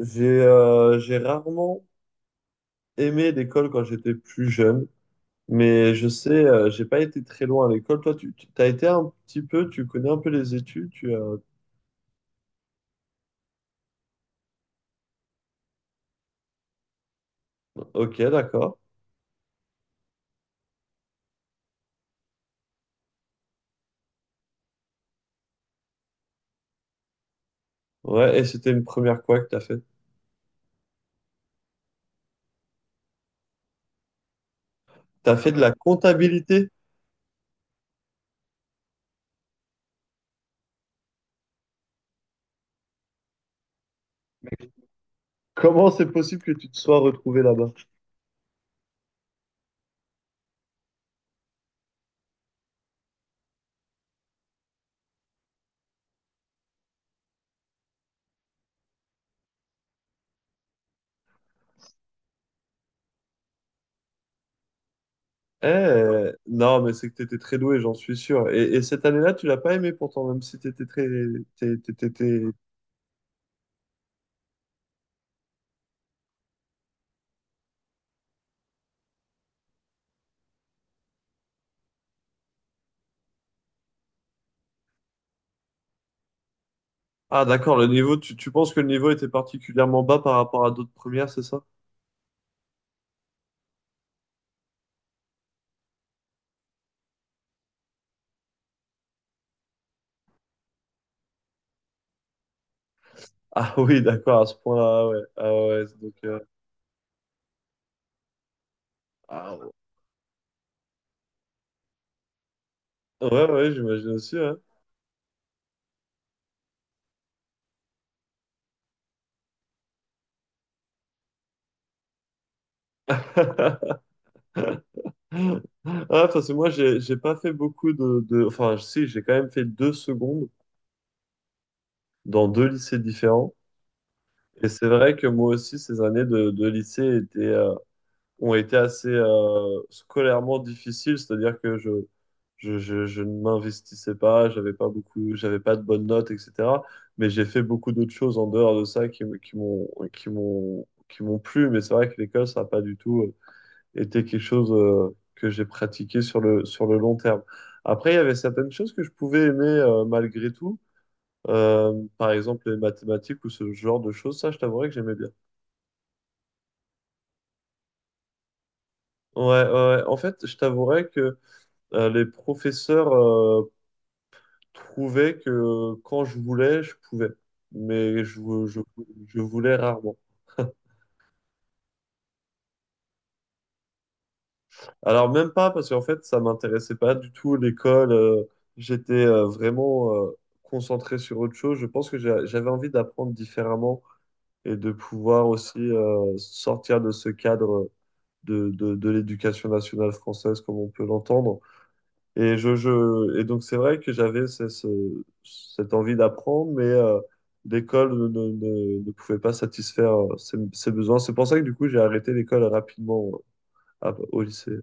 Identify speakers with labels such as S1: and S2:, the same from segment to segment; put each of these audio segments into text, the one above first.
S1: J'ai rarement aimé l'école quand j'étais plus jeune, mais je sais, j'ai pas été très loin à l'école. Toi, tu as été un petit peu, tu connais un peu les études, tu as... Ok, d'accord. Ouais, et c'était une première quoi que t'as fait? T'as fait de la comptabilité? Comment c'est possible que tu te sois retrouvé là-bas? Eh, non, mais c'est que t'étais très doué, j'en suis sûr. Et cette année-là, tu l'as pas aimé pourtant, même si t'étais très... t'é- t'é- t'étais- Ah, d'accord, le niveau, tu penses que le niveau était particulièrement bas par rapport à d'autres premières, c'est ça? Ah oui, d'accord, à ce point-là, ah ouais. Ah ouais, donc, ah ouais, ouais, j'imagine aussi, ouais. Ah, parce que moi, j'ai pas fait beaucoup de... Enfin, si, j'ai quand même fait deux secondes dans deux lycées différents. Et c'est vrai que moi aussi, ces années de lycée étaient... ont été assez scolairement difficiles, c'est-à-dire que je ne m'investissais pas, j'avais pas de bonnes notes, etc. Mais j'ai fait beaucoup d'autres choses en dehors de ça qui, m- qui m'ont, qui m'ont, qui m'ont plu. Mais c'est vrai que l'école, ça n'a pas du tout été quelque chose que j'ai pratiqué sur le long terme. Après, il y avait certaines choses que je pouvais aimer malgré tout. Par exemple, les mathématiques ou ce genre de choses, ça, je t'avouerais que j'aimais bien. Ouais, ouais, ouais. En fait, je t'avouerais que les professeurs trouvaient que quand je voulais, je pouvais, mais je voulais rarement. Alors même pas parce qu'en fait, ça m'intéressait pas du tout l'école. J'étais vraiment concentré sur autre chose. Je pense que j'avais envie d'apprendre différemment et de pouvoir aussi sortir de ce cadre de l'éducation nationale française comme on peut l'entendre. Et donc, c'est vrai que j'avais cette envie d'apprendre, mais l'école ne pouvait pas satisfaire ces besoins. C'est pour ça que, du coup, j'ai arrêté l'école rapidement au lycée.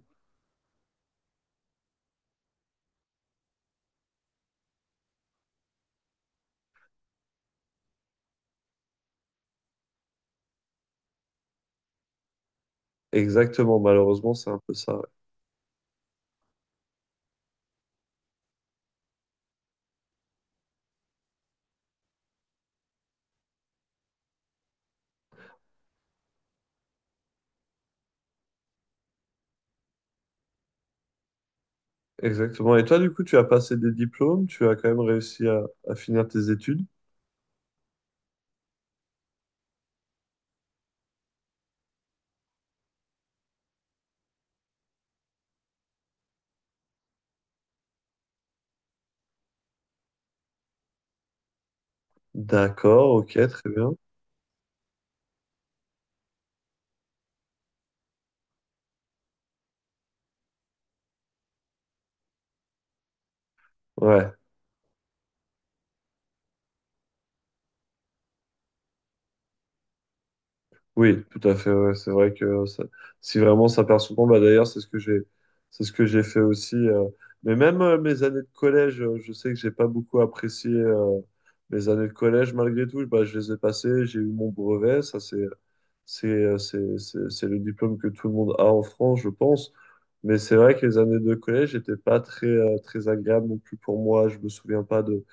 S1: Exactement, malheureusement, c'est un peu ça. Ouais. Exactement. Et toi, du coup, tu as passé des diplômes, tu as quand même réussi à finir tes études. D'accord, ok, très bien. Ouais. Oui, tout à fait. Ouais. C'est vrai que ça- si vraiment ça perd son temps, bah d'ailleurs, c'est ce que j'ai fait aussi. Mais même mes années de collège, je sais que j'ai pas beaucoup apprécié mes années de collège malgré tout. Bah, je les ai passées, j'ai eu mon brevet. Ça, c'est le diplôme que tout le monde a en France, je pense. Mais c'est vrai que les années de collège n'étaient pas très, très agréables non plus pour moi. Je me souviens pas de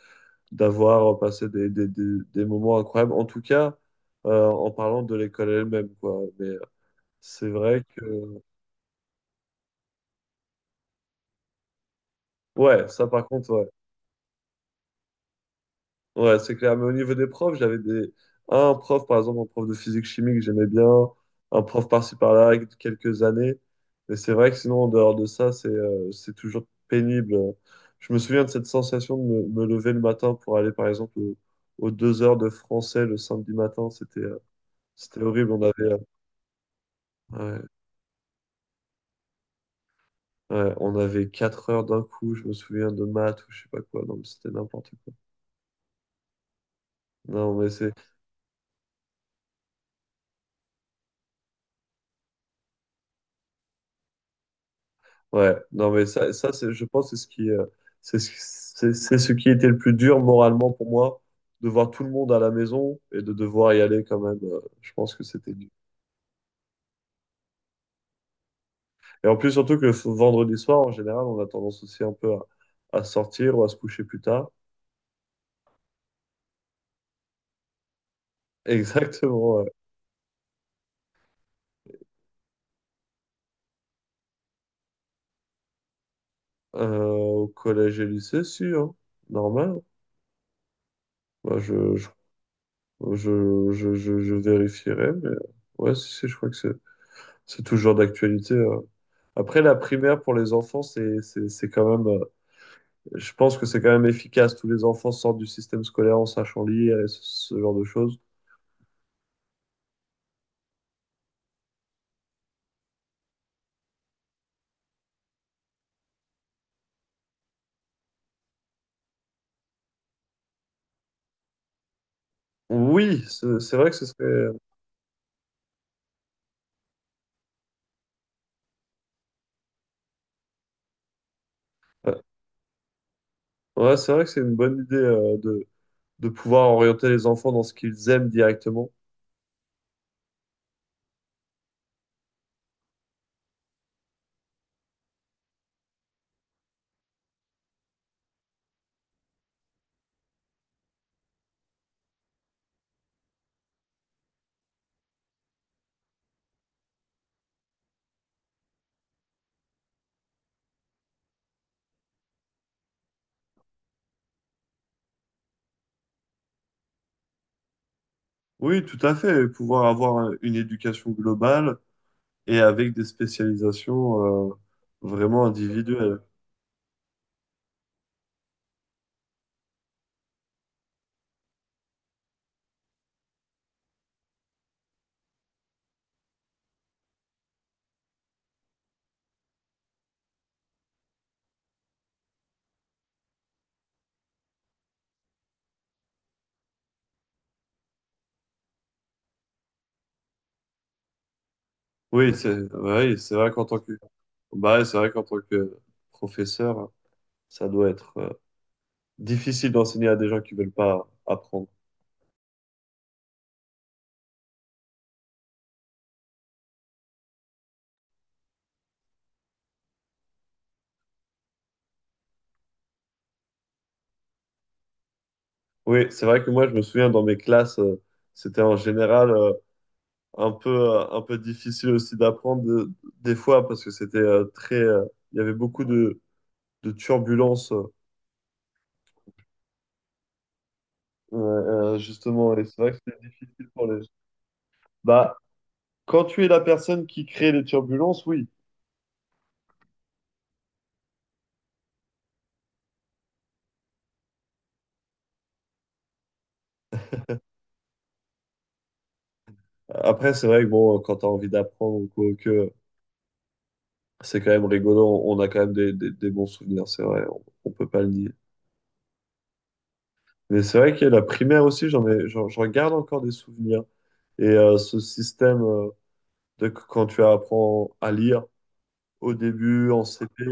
S1: D'avoir passé des moments incroyables, en tout cas en parlant de l'école elle-même, quoi. Mais c'est vrai que... Ouais, ça par contre, ouais. Ouais, c'est clair. Mais au niveau des profs, j'avais des... un prof, par exemple, un prof de physique-chimie que j'aimais bien, un prof par-ci par-là, avec quelques années. Mais c'est vrai que sinon, en dehors de ça, c'est toujours pénible. Je me souviens de cette sensation de me lever le matin pour aller, par exemple, aux deux heures de français le samedi matin. C'était horrible. On avait... ouais. Ouais, on avait 4 heures d'un coup, je me souviens de maths ou je sais pas quoi. Non, mais c'était n'importe quoi. Non, mais c'est Ouais, non mais ça ça c'est je pense c'est ce qui c'est ce, c'est ce qui était le plus dur moralement pour moi de voir tout le monde à la maison et de devoir y aller quand même. Je pense que c'était dur. Et en plus surtout que le vendredi soir en général, on a tendance aussi un peu à sortir ou à se coucher plus tard. Exactement. Ouais. Au collège et lycée, si, hein, normal. Moi, Je vérifierai, mais ouais, si, je crois que c'est toujours d'actualité. Après, la primaire pour les enfants, c'est quand même, je pense que c'est quand même efficace. Tous les enfants sortent du système scolaire en sachant lire et ce genre de choses. Oui, c'est vrai que ce serait, euh, ouais, c'est vrai que c'est une bonne idée, de pouvoir orienter les enfants dans ce qu'ils aiment directement. Oui, tout à fait. Et pouvoir avoir une éducation globale et avec des spécialisations, vraiment individuelles. C'est vrai qu'en tant que bah, ouais, c'est vrai qu'en tant que professeur, ça doit être difficile d'enseigner à des gens qui veulent pas apprendre. Oui, c'est vrai que moi, je me souviens dans mes classes, c'était en général un peu difficile aussi des fois parce que c'était très il y avait beaucoup de turbulences justement et c'est vrai que c'était difficile pour les bah quand tu es la personne qui crée les turbulences, oui. Après, c'est vrai que bon, quand tu as envie d'apprendre ou quoi, que c'est quand même rigolo, on a quand même des bons souvenirs, c'est vrai, on peut pas le nier. Mais c'est vrai que la primaire aussi, j'en garde encore des souvenirs. Et ce système quand tu apprends à lire au début, en CP.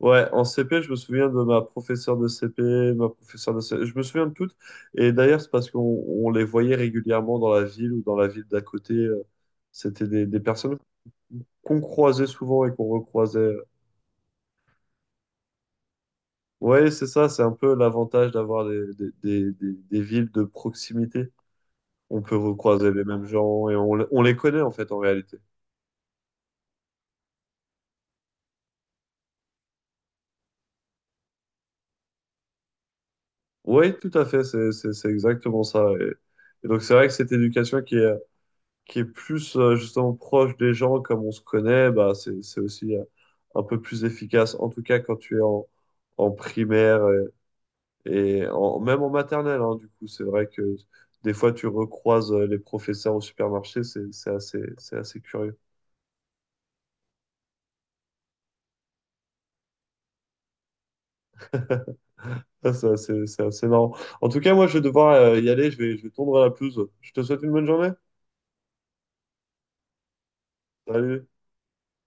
S1: Ouais, en CP, je me souviens de ma professeure de CP, de ma professeure de CE. Je me souviens de toutes. Et d'ailleurs, c'est parce qu'on les voyait régulièrement dans la ville ou dans la ville d'à côté. C'était des personnes qu'on croisait souvent et qu'on recroisait. Ouais, c'est ça, c'est un peu l'avantage d'avoir des villes de proximité. On peut recroiser les mêmes gens et on les connaît en fait en réalité. Oui, tout à fait, c'est exactement ça. Et donc c'est vrai que cette éducation qui est plus justement proche des gens comme on se connaît, bah, c'est aussi un peu plus efficace, en tout cas quand tu es en, en primaire et en, même en maternelle. Hein, du coup, c'est vrai que des fois tu recroises les professeurs au supermarché, c'est assez curieux. C'est c'est assez marrant. En tout cas, moi, je vais devoir y aller. Je vais tondre la pelouse. Je te souhaite une bonne journée. Salut.